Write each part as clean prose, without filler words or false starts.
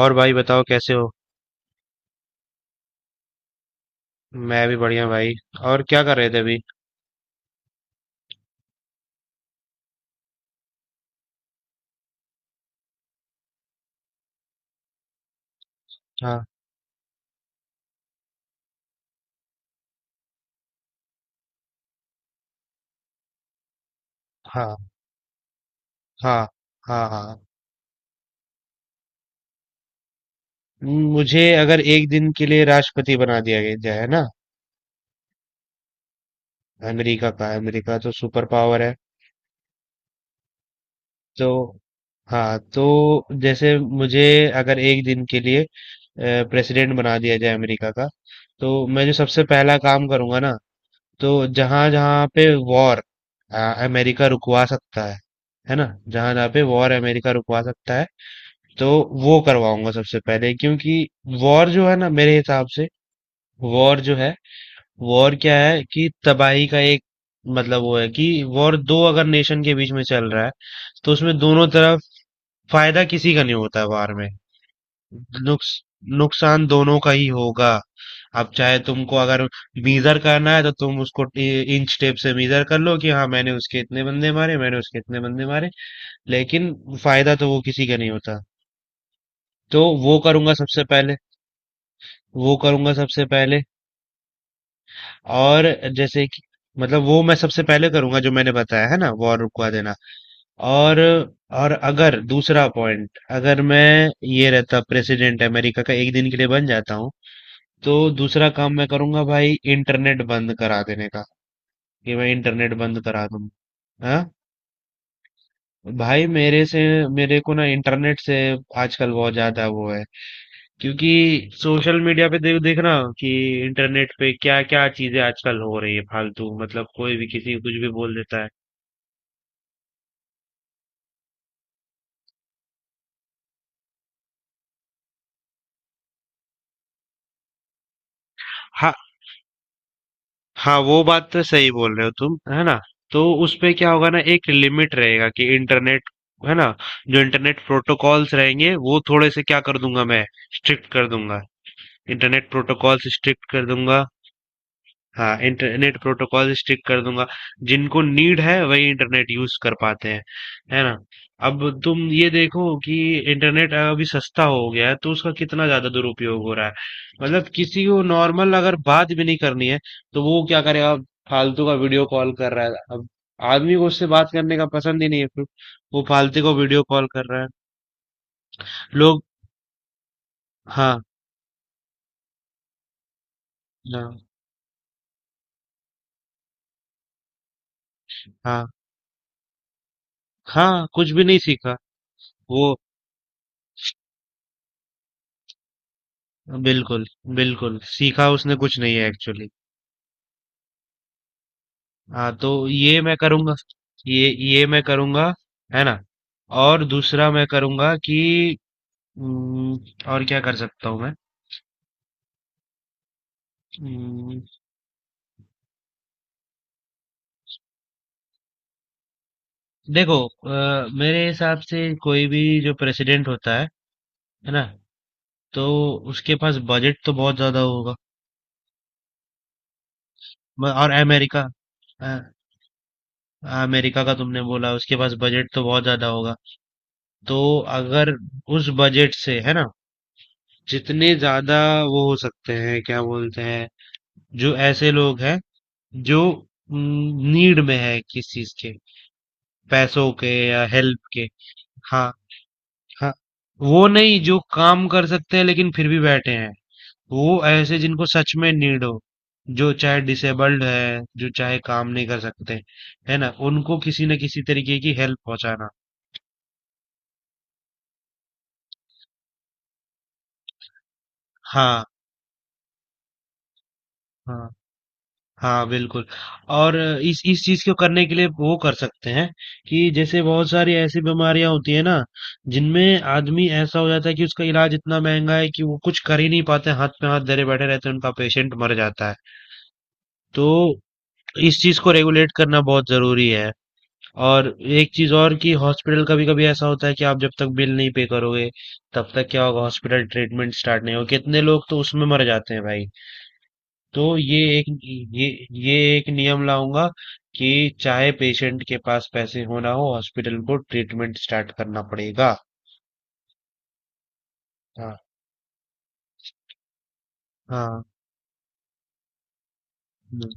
और भाई बताओ कैसे हो। मैं भी बढ़िया भाई। और क्या कर रहे थे अभी। हाँ, हाँ, हाँ, हाँ, हाँ। मुझे अगर एक दिन के लिए राष्ट्रपति बना दिया गया जाए, है ना, अमेरिका का। अमेरिका तो सुपर पावर है। तो हाँ तो जैसे मुझे अगर एक दिन के लिए प्रेसिडेंट बना दिया जाए अमेरिका का, तो मैं जो सबसे पहला काम करूंगा ना, तो जहां जहां पे वॉर अमेरिका रुकवा सकता है ना। जहां जहां पे वॉर अमेरिका रुकवा सकता है, तो वो करवाऊंगा सबसे पहले। क्योंकि वॉर जो है ना, मेरे हिसाब से वॉर जो है वॉर क्या है कि तबाही का एक, मतलब वो है कि वॉर दो अगर नेशन के बीच में चल रहा है तो उसमें दोनों तरफ फायदा किसी का नहीं होता है वॉर में। नुक्स नुकसान दोनों का ही होगा। अब चाहे तुमको अगर मीजर करना है तो तुम उसको इंच टेप से मीजर कर लो कि हाँ मैंने उसके इतने बंदे मारे, मैंने उसके इतने बंदे मारे। लेकिन फायदा तो वो किसी का नहीं होता। तो वो करूंगा सबसे पहले। वो करूंगा सबसे पहले। और जैसे कि मतलब वो मैं सबसे पहले करूंगा जो मैंने बताया है ना, वॉर रुकवा देना। और और अगर दूसरा पॉइंट, अगर मैं ये रहता प्रेसिडेंट अमेरिका का एक दिन के लिए बन जाता हूँ, तो दूसरा काम मैं करूंगा भाई, इंटरनेट बंद करा देने का, कि मैं इंटरनेट बंद करा दूं। हाँ भाई, मेरे से मेरे को ना इंटरनेट से आजकल बहुत ज्यादा वो है। क्योंकि सोशल मीडिया पे देख देखना कि इंटरनेट पे क्या क्या चीजें आजकल हो रही है फालतू, मतलब कोई भी किसी को कुछ भी बोल देता है। हाँ, हाँ, वो बात तो सही बोल रहे हो तुम, है ना। तो उसपे क्या होगा ना, एक लिमिट रहेगा कि इंटरनेट, है ना, जो इंटरनेट प्रोटोकॉल्स रहेंगे वो थोड़े से क्या कर दूंगा मैं, स्ट्रिक्ट कर दूंगा। इंटरनेट प्रोटोकॉल्स स्ट्रिक्ट कर दूंगा। हाँ इंटरनेट प्रोटोकॉल स्टिक कर दूंगा। जिनको नीड है वही इंटरनेट यूज कर पाते हैं, है ना। अब तुम ये देखो कि इंटरनेट अभी सस्ता हो गया है तो उसका कितना ज्यादा दुरुपयोग हो रहा है। मतलब किसी को नॉर्मल अगर बात भी नहीं करनी है तो वो क्या करेगा, फालतू का वीडियो कॉल कर रहा है। अब आदमी को उससे बात करने का पसंद ही नहीं है फिर वो फालतू को वीडियो कॉल कर रहा है। लोग हाँ, हाँ, हाँ, हाँ, कुछ भी नहीं सीखा। वो बिल्कुल, बिल्कुल सीखा उसने कुछ नहीं है एक्चुअली। हाँ तो ये मैं करूँगा। ये मैं करूँगा, है ना। और दूसरा मैं करूँगा कि, हम्म, और क्या कर सकता हूँ मैं। हम्म, देखो मेरे हिसाब से कोई भी जो प्रेसिडेंट होता है ना, तो उसके पास बजट तो बहुत ज्यादा होगा। और अमेरिका अ, अमेरिका का तुमने बोला उसके पास बजट तो बहुत ज्यादा होगा। तो अगर उस बजट से है ना, जितने ज्यादा वो हो सकते हैं, क्या बोलते हैं, जो ऐसे लोग हैं जो नीड में है किस चीज के, पैसों के या हेल्प के। हाँ, हाँ, वो नहीं जो काम कर सकते हैं लेकिन फिर भी बैठे हैं। वो ऐसे जिनको सच में नीड हो, जो चाहे डिसेबल्ड है जो चाहे काम नहीं कर सकते, है ना, उनको किसी न किसी तरीके की हेल्प पहुंचाना। हाँ, हाँ, हाँ, बिल्कुल। और इस चीज को करने के लिए वो कर सकते हैं कि जैसे बहुत सारी ऐसी बीमारियां होती है ना, जिनमें आदमी ऐसा हो जाता है कि उसका इलाज इतना महंगा है कि वो कुछ कर ही नहीं पाते, हाथ पे हाथ धरे बैठे रहते हैं, उनका पेशेंट मर जाता है। तो इस चीज को रेगुलेट करना बहुत जरूरी है। और एक चीज और कि हॉस्पिटल कभी कभी ऐसा होता है कि आप जब तक बिल नहीं पे करोगे तब तक क्या होगा, हॉस्पिटल ट्रीटमेंट स्टार्ट नहीं होगा, कितने लोग तो उसमें मर जाते हैं भाई। तो ये ये एक नियम लाऊंगा कि चाहे पेशेंट के पास पैसे हो ना हो, हॉस्पिटल को ट्रीटमेंट स्टार्ट करना पड़ेगा। हाँ, हाँ, हम्म,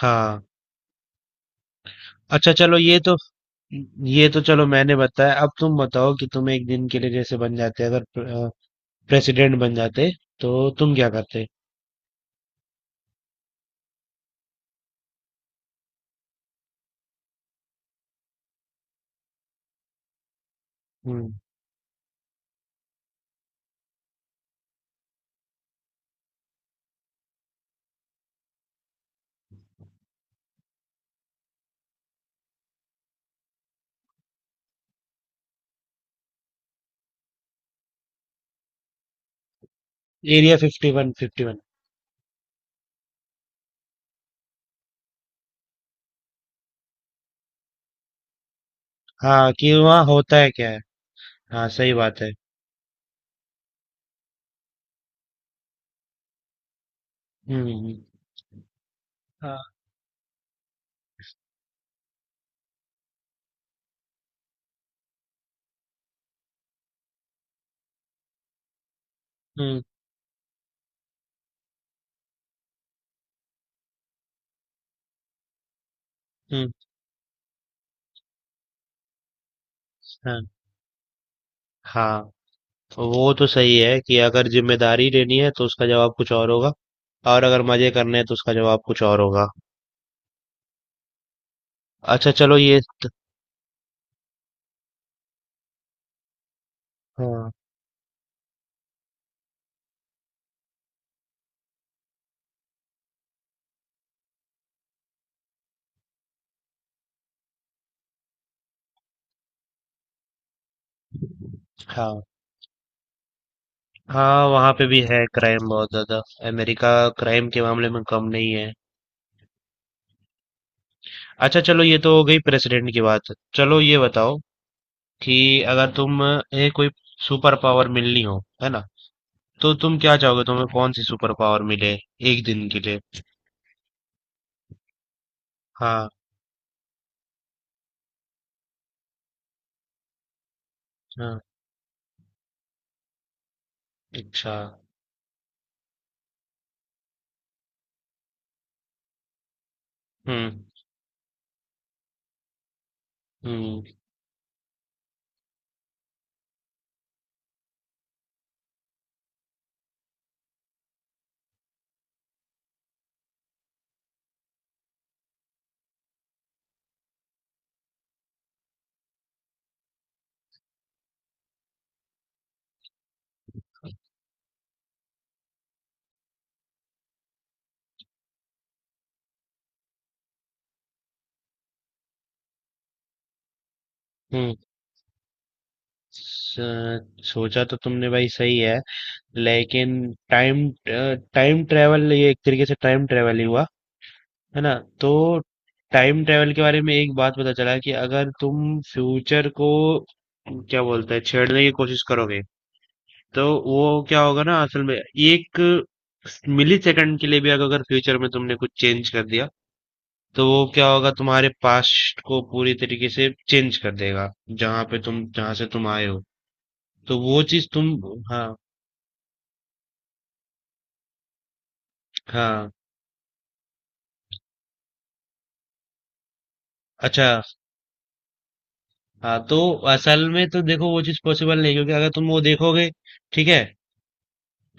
हाँ। अच्छा चलो, ये तो चलो मैंने बताया, अब तुम बताओ कि तुम एक दिन के लिए जैसे बन जाते अगर प्रेसिडेंट बन जाते तो तुम क्या करते। हम्म। एरिया 51, 51 हाँ, कि वहाँ होता है क्या है। हाँ सही बात है। हम्म, हाँ, हम्म, हम्म। हाँ, हाँ, वो तो सही है कि अगर जिम्मेदारी लेनी है तो उसका जवाब कुछ और होगा। और अगर मजे करने हैं तो उसका जवाब कुछ और होगा। अच्छा चलो हाँ, हाँ, हाँ, वहाँ पे भी है क्राइम बहुत ज्यादा। अमेरिका क्राइम के मामले में कम नहीं है। अच्छा चलो ये तो हो गई प्रेसिडेंट की बात, चलो ये बताओ कि अगर तुम ये कोई सुपर पावर मिलनी हो है ना, तो तुम क्या चाहोगे, तुम्हें कौन सी सुपर पावर मिले एक दिन के लिए। हाँ, हाँ, अच्छा, हम्म, हम्म, हम्म। स- सोचा तो तुमने भाई सही है, लेकिन टाइम टाइम ट्रेवल, ये एक तरीके से टाइम ट्रेवल ही हुआ, है ना। तो टाइम ट्रेवल के बारे में एक बात पता चला कि अगर तुम फ्यूचर को क्या बोलते हैं, छेड़ने की कोशिश करोगे तो वो क्या होगा ना, असल में एक मिली सेकंड के लिए भी अगर फ्यूचर में तुमने कुछ चेंज कर दिया, तो वो क्या होगा, तुम्हारे पास्ट को पूरी तरीके से चेंज कर देगा जहां पे तुम जहां से तुम आए हो। तो वो चीज तुम हाँ, हाँ, अच्छा। हाँ तो असल में तो देखो वो चीज पॉसिबल नहीं है, क्योंकि अगर तुम वो देखोगे, ठीक है,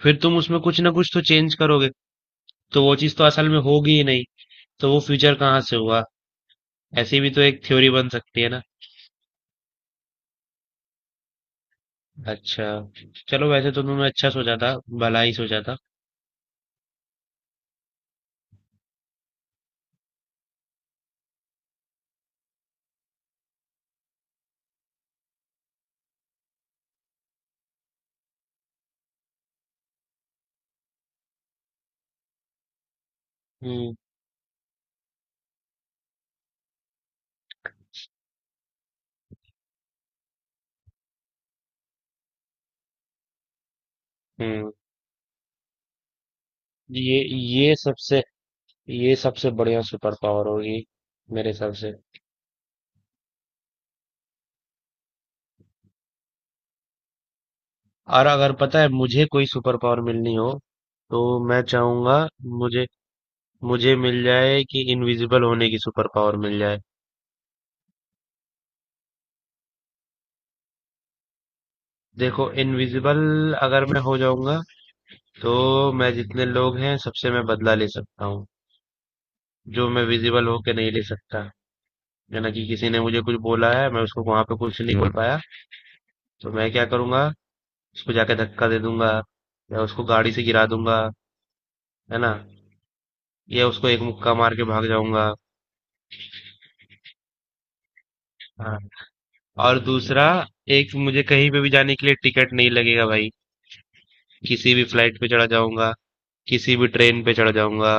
फिर तुम उसमें कुछ ना कुछ तो चेंज करोगे, तो वो चीज तो असल में होगी ही नहीं, तो वो फ्यूचर कहाँ से हुआ। ऐसी भी तो एक थ्योरी बन सकती है ना। अच्छा चलो वैसे तो तुमने अच्छा सोचा था, भला ही सोचा था। हम्म, हम्म, ये ये सबसे ये सबसे बढ़िया सुपर पावर होगी मेरे हिसाब से। और अगर पता है मुझे कोई सुपर पावर मिलनी हो तो मैं चाहूंगा मुझे मुझे मिल जाए कि इनविजिबल होने की सुपर पावर मिल जाए। देखो इनविजिबल अगर मैं हो जाऊंगा तो मैं जितने लोग हैं सबसे मैं बदला ले सकता हूँ, जो मैं विजिबल होके नहीं ले सकता। यानी कि किसी ने मुझे कुछ बोला है मैं उसको वहां पे कुछ नहीं बोल पाया, तो मैं क्या करूंगा, उसको जाके धक्का दे दूंगा या उसको गाड़ी से गिरा दूंगा, है ना, या उसको एक मुक्का मार के भाग जाऊंगा। हाँ, और दूसरा, एक मुझे कहीं पे भी जाने के लिए टिकट नहीं लगेगा भाई, किसी भी फ्लाइट पे चढ़ा जाऊंगा, किसी भी ट्रेन पे चढ़ जाऊंगा,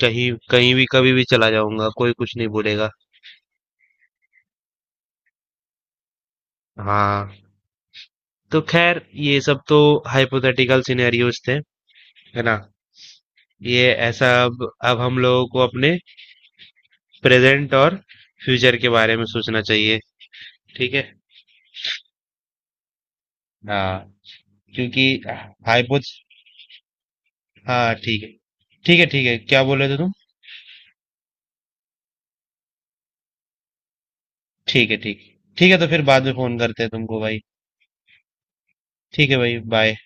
कहीं कहीं भी कभी भी चला जाऊंगा, कोई कुछ नहीं बोलेगा। हाँ तो खैर, ये सब तो हाइपोथेटिकल सिनेरियोज थे, है ना। ये ऐसा अब हम लोगों को अपने प्रेजेंट और फ्यूचर के बारे में सोचना चाहिए। ठीक है। हाँ, क्योंकि हाइपो हाँ ठीक है, ठीक है, ठीक है क्या बोले थे तुम। ठीक है, ठीक, ठीक है तो फिर बाद में फोन करते हैं तुमको भाई। ठीक है भाई, बाय।